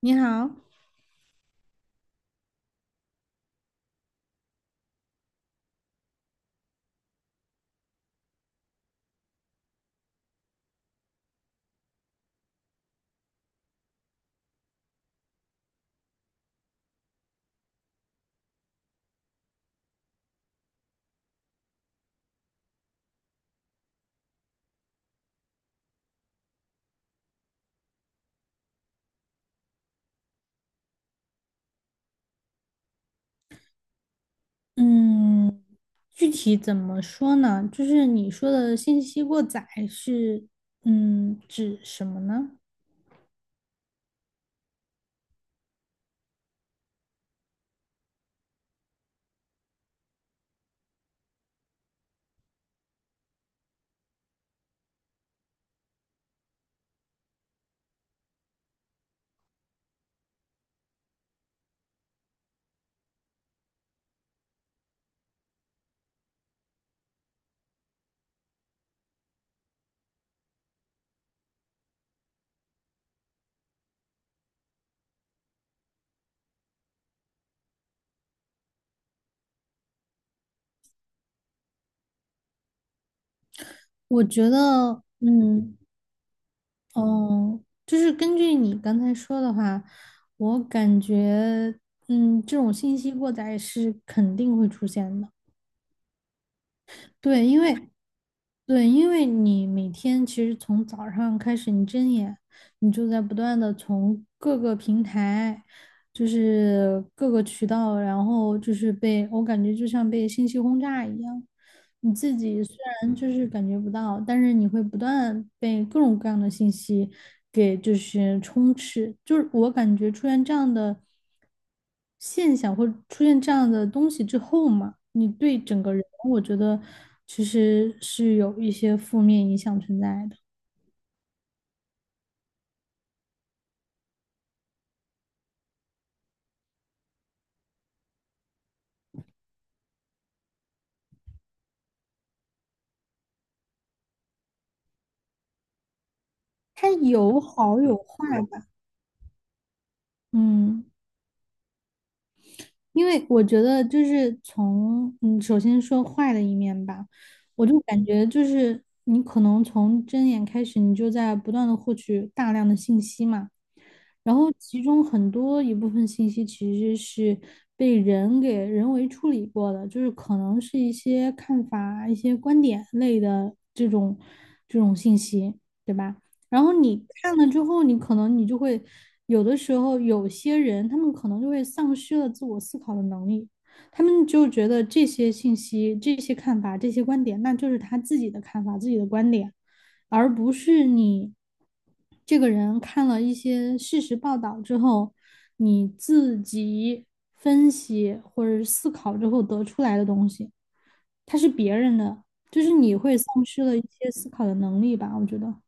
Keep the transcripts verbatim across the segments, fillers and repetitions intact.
你好。嗯，具体怎么说呢？就是你说的信息过载是，嗯，指什么呢？我觉得，嗯，哦，就是根据你刚才说的话，我感觉，嗯，这种信息过载是肯定会出现的。对，因为对，因为你每天其实从早上开始，你睁眼，你就在不断的从各个平台，就是各个渠道，然后就是被，我感觉就像被信息轰炸一样。你自己虽然就是感觉不到，但是你会不断被各种各样的信息给就是充斥。就是我感觉出现这样的现象或者出现这样的东西之后嘛，你对整个人，我觉得其实是有一些负面影响存在的。它有好有坏吧，嗯。因为我觉得就是从嗯，首先说坏的一面吧，我就感觉就是你可能从睁眼开始，你就在不断的获取大量的信息嘛，然后其中很多一部分信息其实是被人给人为处理过的，就是可能是一些看法、一些观点类的这种这种信息，对吧？然后你看了之后，你可能你就会有的时候有些人他们可能就会丧失了自我思考的能力，他们就觉得这些信息、这些看法、这些观点，那就是他自己的看法、自己的观点。而不是你这个人看了一些事实报道之后，你自己分析或者思考之后得出来的东西，它是别人的，就是你会丧失了一些思考的能力吧，我觉得。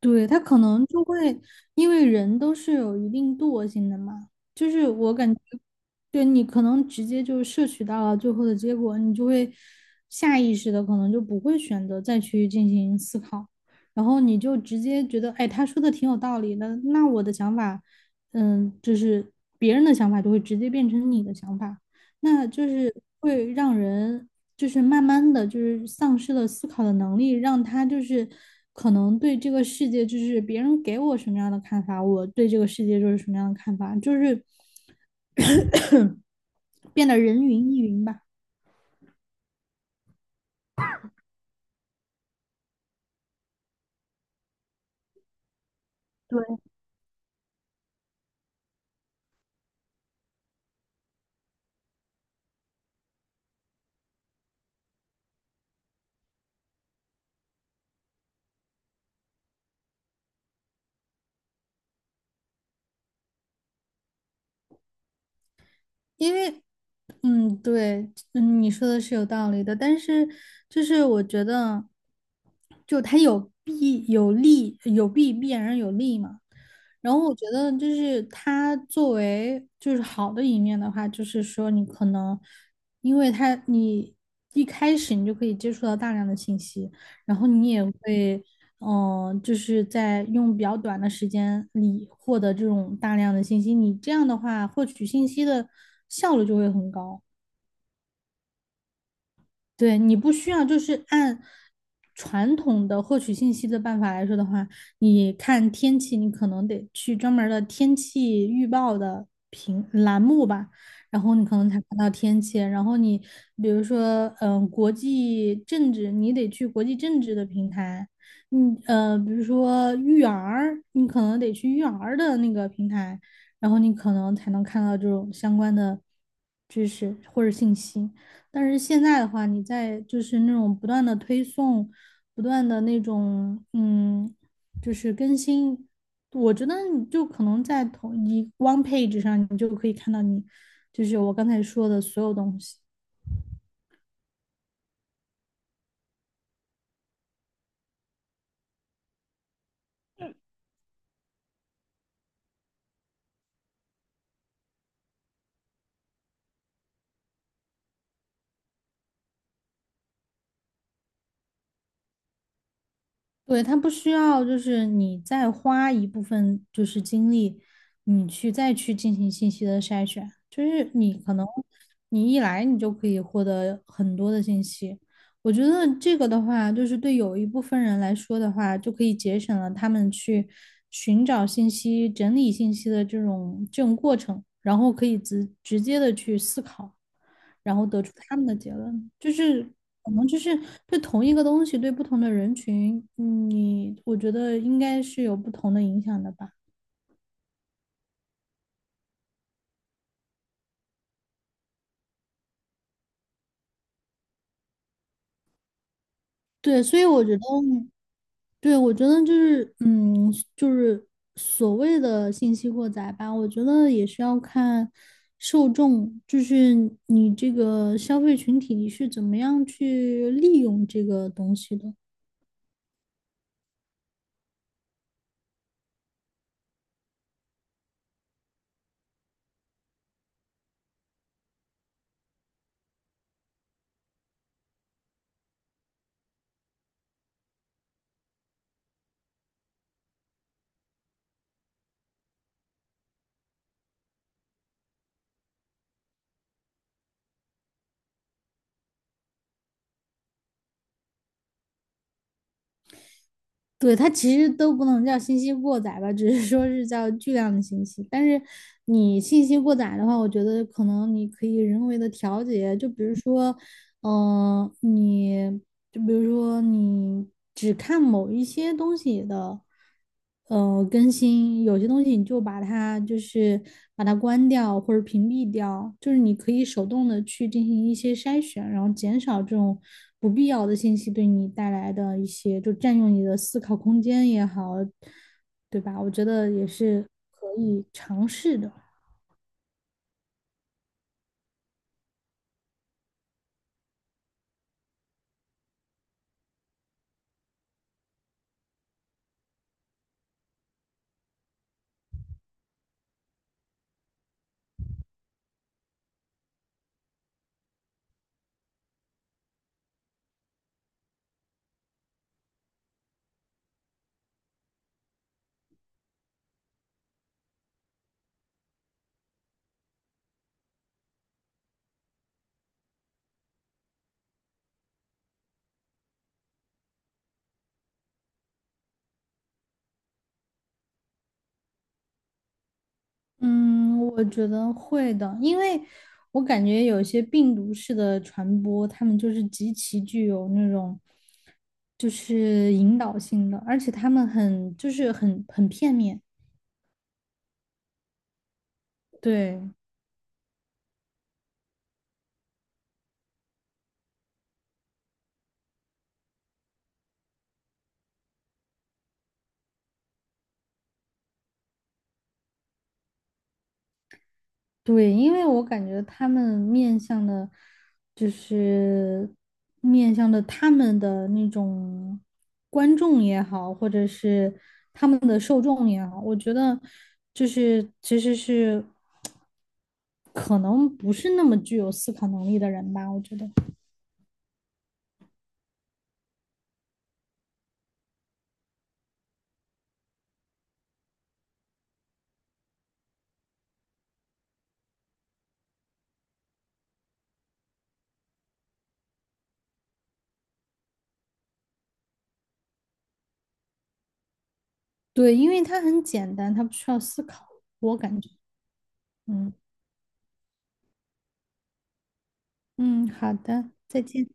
对，他可能就会，因为人都是有一定惰性的嘛，就是我感觉，对你可能直接就摄取到了最后的结果，你就会下意识的可能就不会选择再去进行思考，然后你就直接觉得，哎，他说的挺有道理的，那我的想法，嗯，就是别人的想法就会直接变成你的想法，那就是会让人就是慢慢的就是丧失了思考的能力，让他就是可能对这个世界，就是别人给我什么样的看法，我对这个世界就是什么样的看法，就是变得人云亦云吧。对，因为，嗯，对，嗯，你说的是有道理的，但是就是我觉得，就它有弊有利，有弊必然有利嘛。然后我觉得就是它作为就是好的一面的话，就是说你可能因为它你一开始你就可以接触到大量的信息，然后你也会，嗯、就是在用比较短的时间里获得这种大量的信息，你这样的话获取信息的效率就会很高。对，你不需要，就是按传统的获取信息的办法来说的话，你看天气，你可能得去专门儿的天气预报的屏栏目吧，然后你可能才看到天气。然后你比如说，嗯、国际政治，你得去国际政治的平台，嗯，呃，比如说育儿，你可能得去育儿的那个平台，然后你可能才能看到这种相关的知识或者信息。但是现在的话，你在就是那种不断的推送，不断的那种嗯，就是更新，我觉得你就可能在同一 one page 上，你就可以看到你就是我刚才说的所有东西。对，它不需要就是你再花一部分就是精力，你去再去进行信息的筛选，就是你可能你一来你就可以获得很多的信息。我觉得这个的话，就是对有一部分人来说的话，就可以节省了他们去寻找信息、整理信息的这种这种过程，然后可以直直接的去思考，然后得出他们的结论。就是可能就是对同一个东西，对不同的人群，嗯你我觉得应该是有不同的影响的吧。对，所以我觉得对，我觉得就是，嗯，就是所谓的信息过载吧，我觉得也是要看受众，就是你这个消费群体你是怎么样去利用这个东西的。对，它其实都不能叫信息过载吧，只是说是叫巨量的信息。但是你信息过载的话，我觉得可能你可以人为的调节，就比如说，嗯，你就比如说你只看某一些东西的，呃，更新，有些东西你就把它就是把它关掉或者屏蔽掉，就是你可以手动的去进行一些筛选，然后减少这种不必要的信息对你带来的一些，就占用你的思考空间也好，对吧？我觉得也是可以尝试的。嗯，我觉得会的，因为我感觉有些病毒式的传播，他们就是极其具有那种就是引导性的，而且他们很就是很很片面。对对，因为我感觉他们面向的，就是面向的他们的那种观众也好，或者是他们的受众也好，我觉得就是其实是。可能不是那么具有思考能力的人吧，我觉得。对，因为它很简单，它不需要思考，我感觉。嗯嗯，好的，再见。